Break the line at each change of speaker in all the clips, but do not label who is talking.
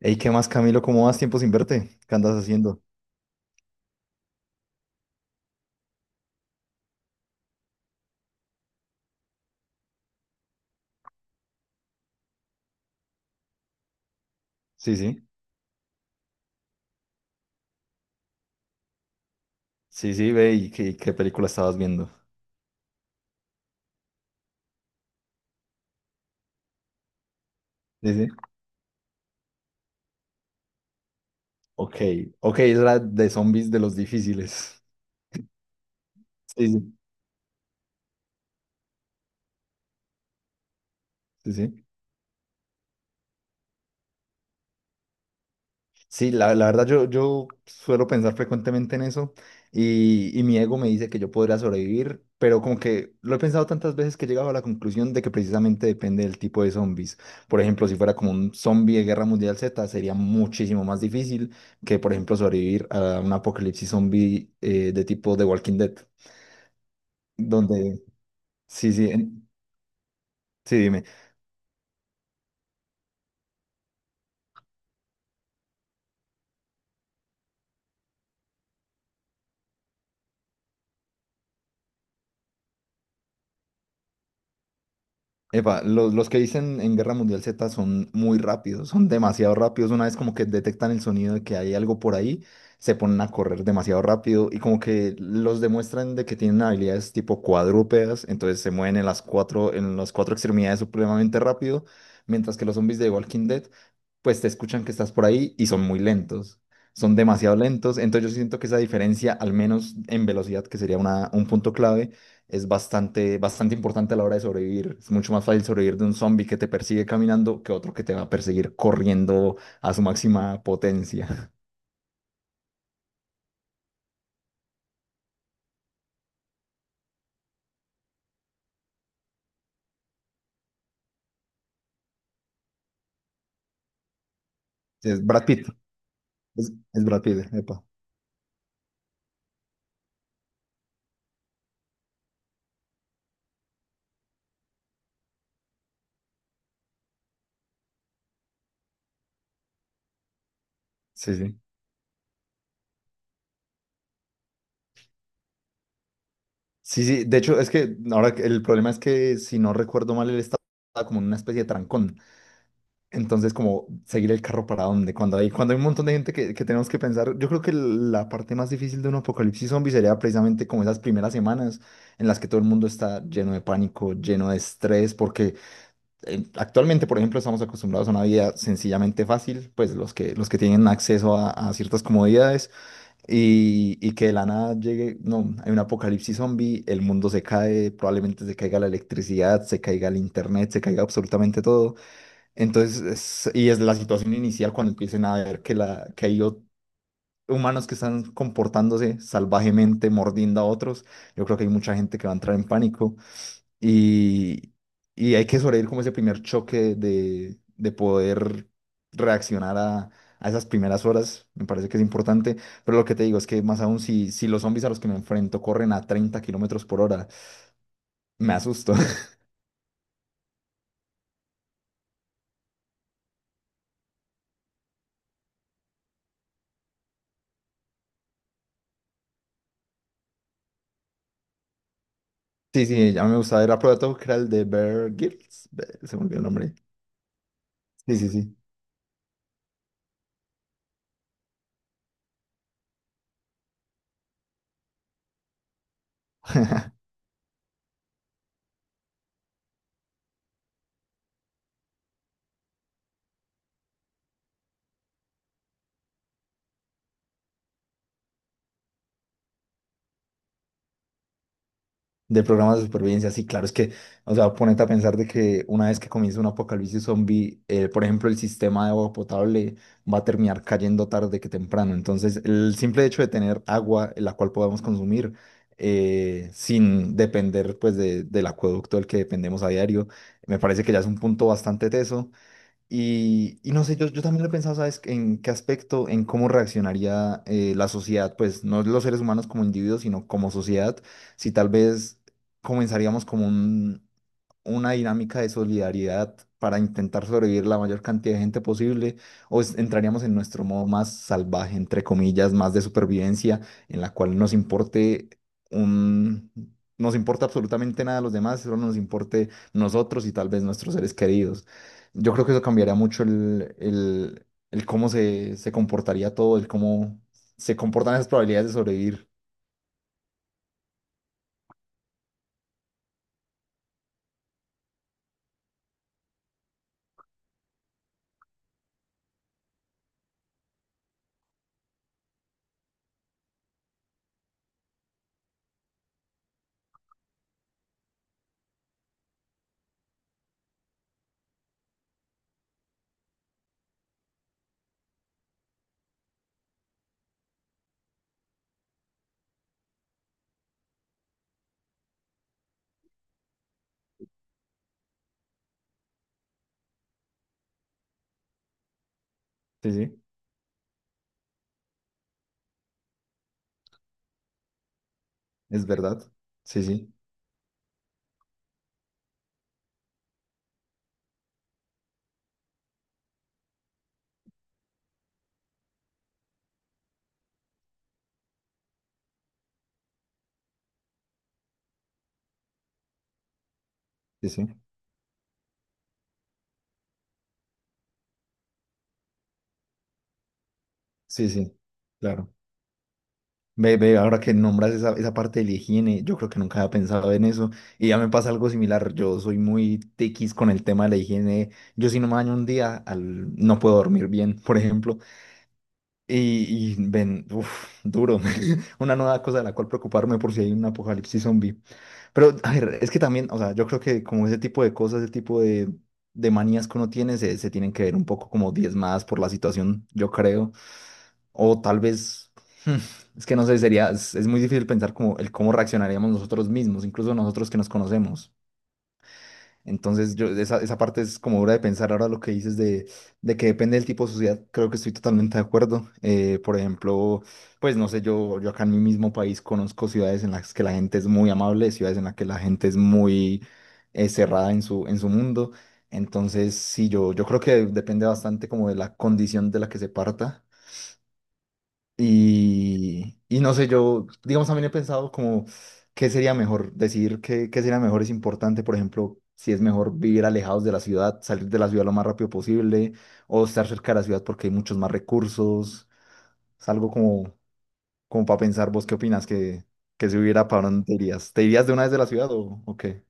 Ey, ¿qué más, Camilo? ¿Cómo vas? Tiempo sin verte. ¿Qué andas haciendo? Sí, sí. Sí, sí, ve, ¿y qué película estabas viendo? Sí, sí. Ok, ok, es la de zombies de los difíciles. Sí, sí, sí, sí. Sí, la verdad yo suelo pensar frecuentemente en eso y mi ego me dice que yo podría sobrevivir, pero como que lo he pensado tantas veces que he llegado a la conclusión de que precisamente depende del tipo de zombies. Por ejemplo, si fuera como un zombie de Guerra Mundial Z, sería muchísimo más difícil que, por ejemplo, sobrevivir a un apocalipsis zombie de tipo The Walking Dead, donde... Sí, sí, sí, dime. Epa, los que dicen en Guerra Mundial Z son muy rápidos, son demasiado rápidos. Una vez como que detectan el sonido de que hay algo por ahí, se ponen a correr demasiado rápido y como que los demuestran de que tienen habilidades tipo cuadrúpedas, entonces se mueven en las cuatro extremidades supremamente rápido, mientras que los zombies de Walking Dead, pues te escuchan que estás por ahí y son muy lentos, son demasiado lentos. Entonces yo siento que esa diferencia, al menos en velocidad, que sería un punto clave es bastante, bastante importante a la hora de sobrevivir. Es mucho más fácil sobrevivir de un zombie que te persigue caminando que otro que te va a perseguir corriendo a su máxima potencia. Es Brad Pitt. Es Brad Pitt, epa. Sí, sí. Sí, sí. De hecho, es que el problema es que, si no recuerdo mal, él estaba como en una especie de trancón. Entonces, como seguir el carro para dónde, cuando hay un montón de gente que tenemos que pensar, yo creo que la parte más difícil de un apocalipsis zombie sería precisamente como esas primeras semanas en las que todo el mundo está lleno de pánico, lleno de estrés, porque actualmente, por ejemplo, estamos acostumbrados a una vida sencillamente fácil, pues los que tienen acceso a ciertas comodidades y que de la nada llegue, no, hay un apocalipsis zombie, el mundo se cae, probablemente se caiga la electricidad, se caiga el internet, se caiga absolutamente todo. Entonces, y es la situación inicial cuando empiecen a ver que hay humanos que están comportándose salvajemente, mordiendo a otros. Yo creo que hay mucha gente que va a entrar en pánico y, y hay que sobrevivir como ese primer choque de poder reaccionar a esas primeras horas. Me parece que es importante, pero lo que te digo es que más aún si los zombies a los que me enfrento corren a 30 kilómetros por hora, me asusto. Sí, sí, ya me gustaba. Era Proto, que era el de Bear Grylls. Se me olvidó el nombre. Sí, sí, sí. Del programa de supervivencia, sí, claro, es que, o sea, ponete a pensar de que una vez que comience un apocalipsis zombie, por ejemplo, el sistema de agua potable va a terminar cayendo tarde que temprano. Entonces, el simple hecho de tener agua en la cual podamos consumir sin depender, pues, del acueducto del que dependemos a diario, me parece que ya es un punto bastante teso. Y no sé, yo también lo he pensado, ¿sabes? En qué aspecto, en cómo reaccionaría la sociedad, pues no los seres humanos como individuos, sino como sociedad, si tal vez comenzaríamos como una dinámica de solidaridad para intentar sobrevivir la mayor cantidad de gente posible, o entraríamos en nuestro modo más salvaje, entre comillas, más de supervivencia, en la cual un... nos importa absolutamente nada de los demás, solo nos importe nosotros y tal vez nuestros seres queridos. Yo creo que eso cambiaría mucho el cómo se comportaría todo, el cómo se comportan esas probabilidades de sobrevivir. Sí, sí, es verdad. Sí, sí, sí, sí, sí, sí, claro. Ve, ve, ahora que nombras esa parte de la higiene, yo creo que nunca había pensado en eso. Y ya me pasa algo similar. Yo soy muy tiquis con el tema de la higiene. Yo si no me baño un día, no puedo dormir bien, por ejemplo. Y ven, uf, duro. Una nueva cosa de la cual preocuparme por si hay un apocalipsis zombie. Pero, a ver, es que también, o sea, yo creo que como ese tipo de cosas, ese tipo de manías que uno tiene, se tienen que ver un poco como diezmadas por la situación, yo creo. O tal vez, hmm, es que no sé, sería, es muy difícil pensar como el cómo reaccionaríamos nosotros mismos, incluso nosotros que nos conocemos. Entonces, yo, esa parte es como dura de pensar. Ahora lo que dices de que depende del tipo de sociedad, creo que estoy totalmente de acuerdo. Por ejemplo, pues no sé, yo acá en mi mismo país conozco ciudades en las que la gente es muy amable, ciudades en las que la gente es muy cerrada en su mundo. Entonces, sí, yo creo que depende bastante como de la condición de la que se parta y no sé, yo, digamos, también he pensado como qué sería mejor, decidir qué sería mejor es importante, por ejemplo, si es mejor vivir alejados de la ciudad, salir de la ciudad lo más rápido posible, o estar cerca de la ciudad porque hay muchos más recursos. Es algo como para pensar, ¿vos qué opinas? que si hubiera para dónde te irías? ¿Te irías de una vez de la ciudad o qué?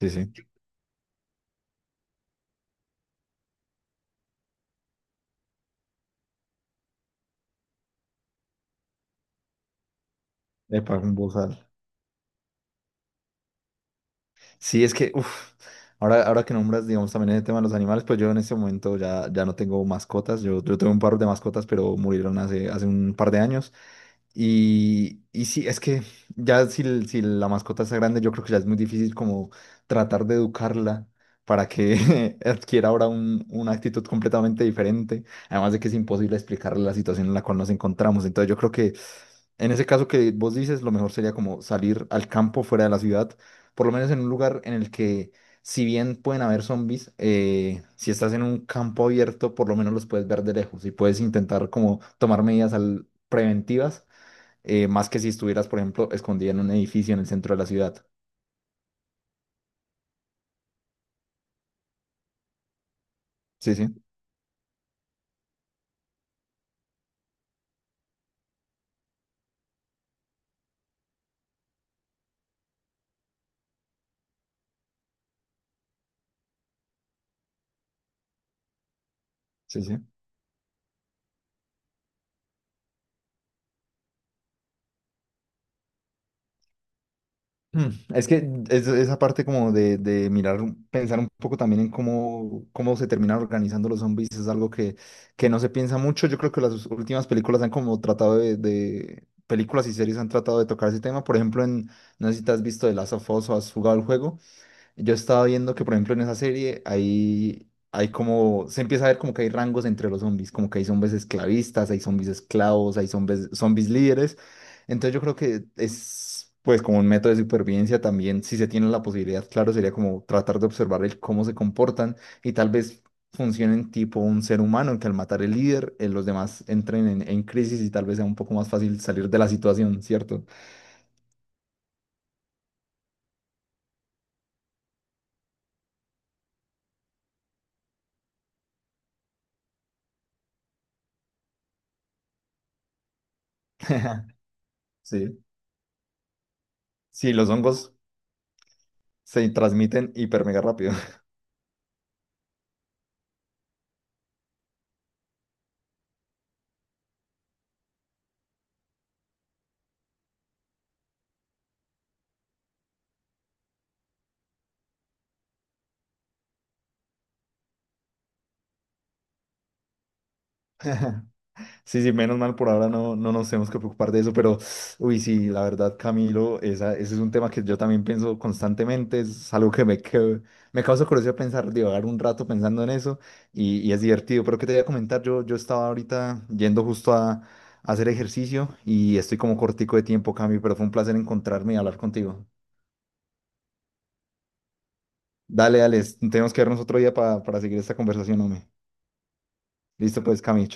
Sí, sí. Epa, un bozal. Sí, es que, uf, ahora que nombras, digamos, también el tema de los animales, pues yo en este momento ya no tengo mascotas. Yo tuve un par de mascotas, pero murieron hace un par de años. Y sí, es que ya si, si la mascota está grande, yo creo que ya es muy difícil como tratar de educarla para que adquiera ahora una actitud completamente diferente. Además de que es imposible explicarle la situación en la cual nos encontramos. Entonces yo creo que en ese caso que vos dices, lo mejor sería como salir al campo fuera de la ciudad, por lo menos en un lugar en el que, si bien pueden haber zombies, si estás en un campo abierto, por lo menos los puedes ver de lejos y puedes intentar como tomar medidas preventivas, más que si estuvieras, por ejemplo, escondida en un edificio en el centro de la ciudad. Sí, sí, sí, sí. Mm, Es que esa parte como de mirar, pensar un poco también en cómo, cómo se terminan organizando los zombies es algo que no se piensa mucho. Yo creo que las últimas películas han como tratado películas y series han tratado de tocar ese tema. Por ejemplo, en, no sé si te has visto The Last of Us o has jugado el juego, yo estaba viendo que, por ejemplo, en esa serie hay como, se empieza a ver como que hay rangos entre los zombies, como que hay zombies esclavistas, hay zombies esclavos, hay zombies, zombies líderes. Entonces yo creo que es pues como un método de supervivencia también, si se tiene la posibilidad, claro, sería como tratar de observar el cómo se comportan y tal vez funcionen tipo un ser humano, en que al matar el líder, los demás entren en crisis y tal vez sea un poco más fácil salir de la situación, ¿cierto? Sí. Sí, los hongos se transmiten hiper mega rápido. Sí, sí, menos mal por ahora no nos tenemos que preocupar de eso, pero uy, sí, la verdad, Camilo, esa, ese es un tema que yo también pienso constantemente, es algo que me causa curiosidad pensar, divagar un rato pensando en eso y es divertido, pero que te voy a comentar, yo estaba ahorita yendo justo a hacer ejercicio y estoy como cortico de tiempo, Camilo, pero fue un placer encontrarme y hablar contigo. Dale, dale, tenemos que vernos otro día para seguir esta conversación, hombre. Listo, pues, Camilo.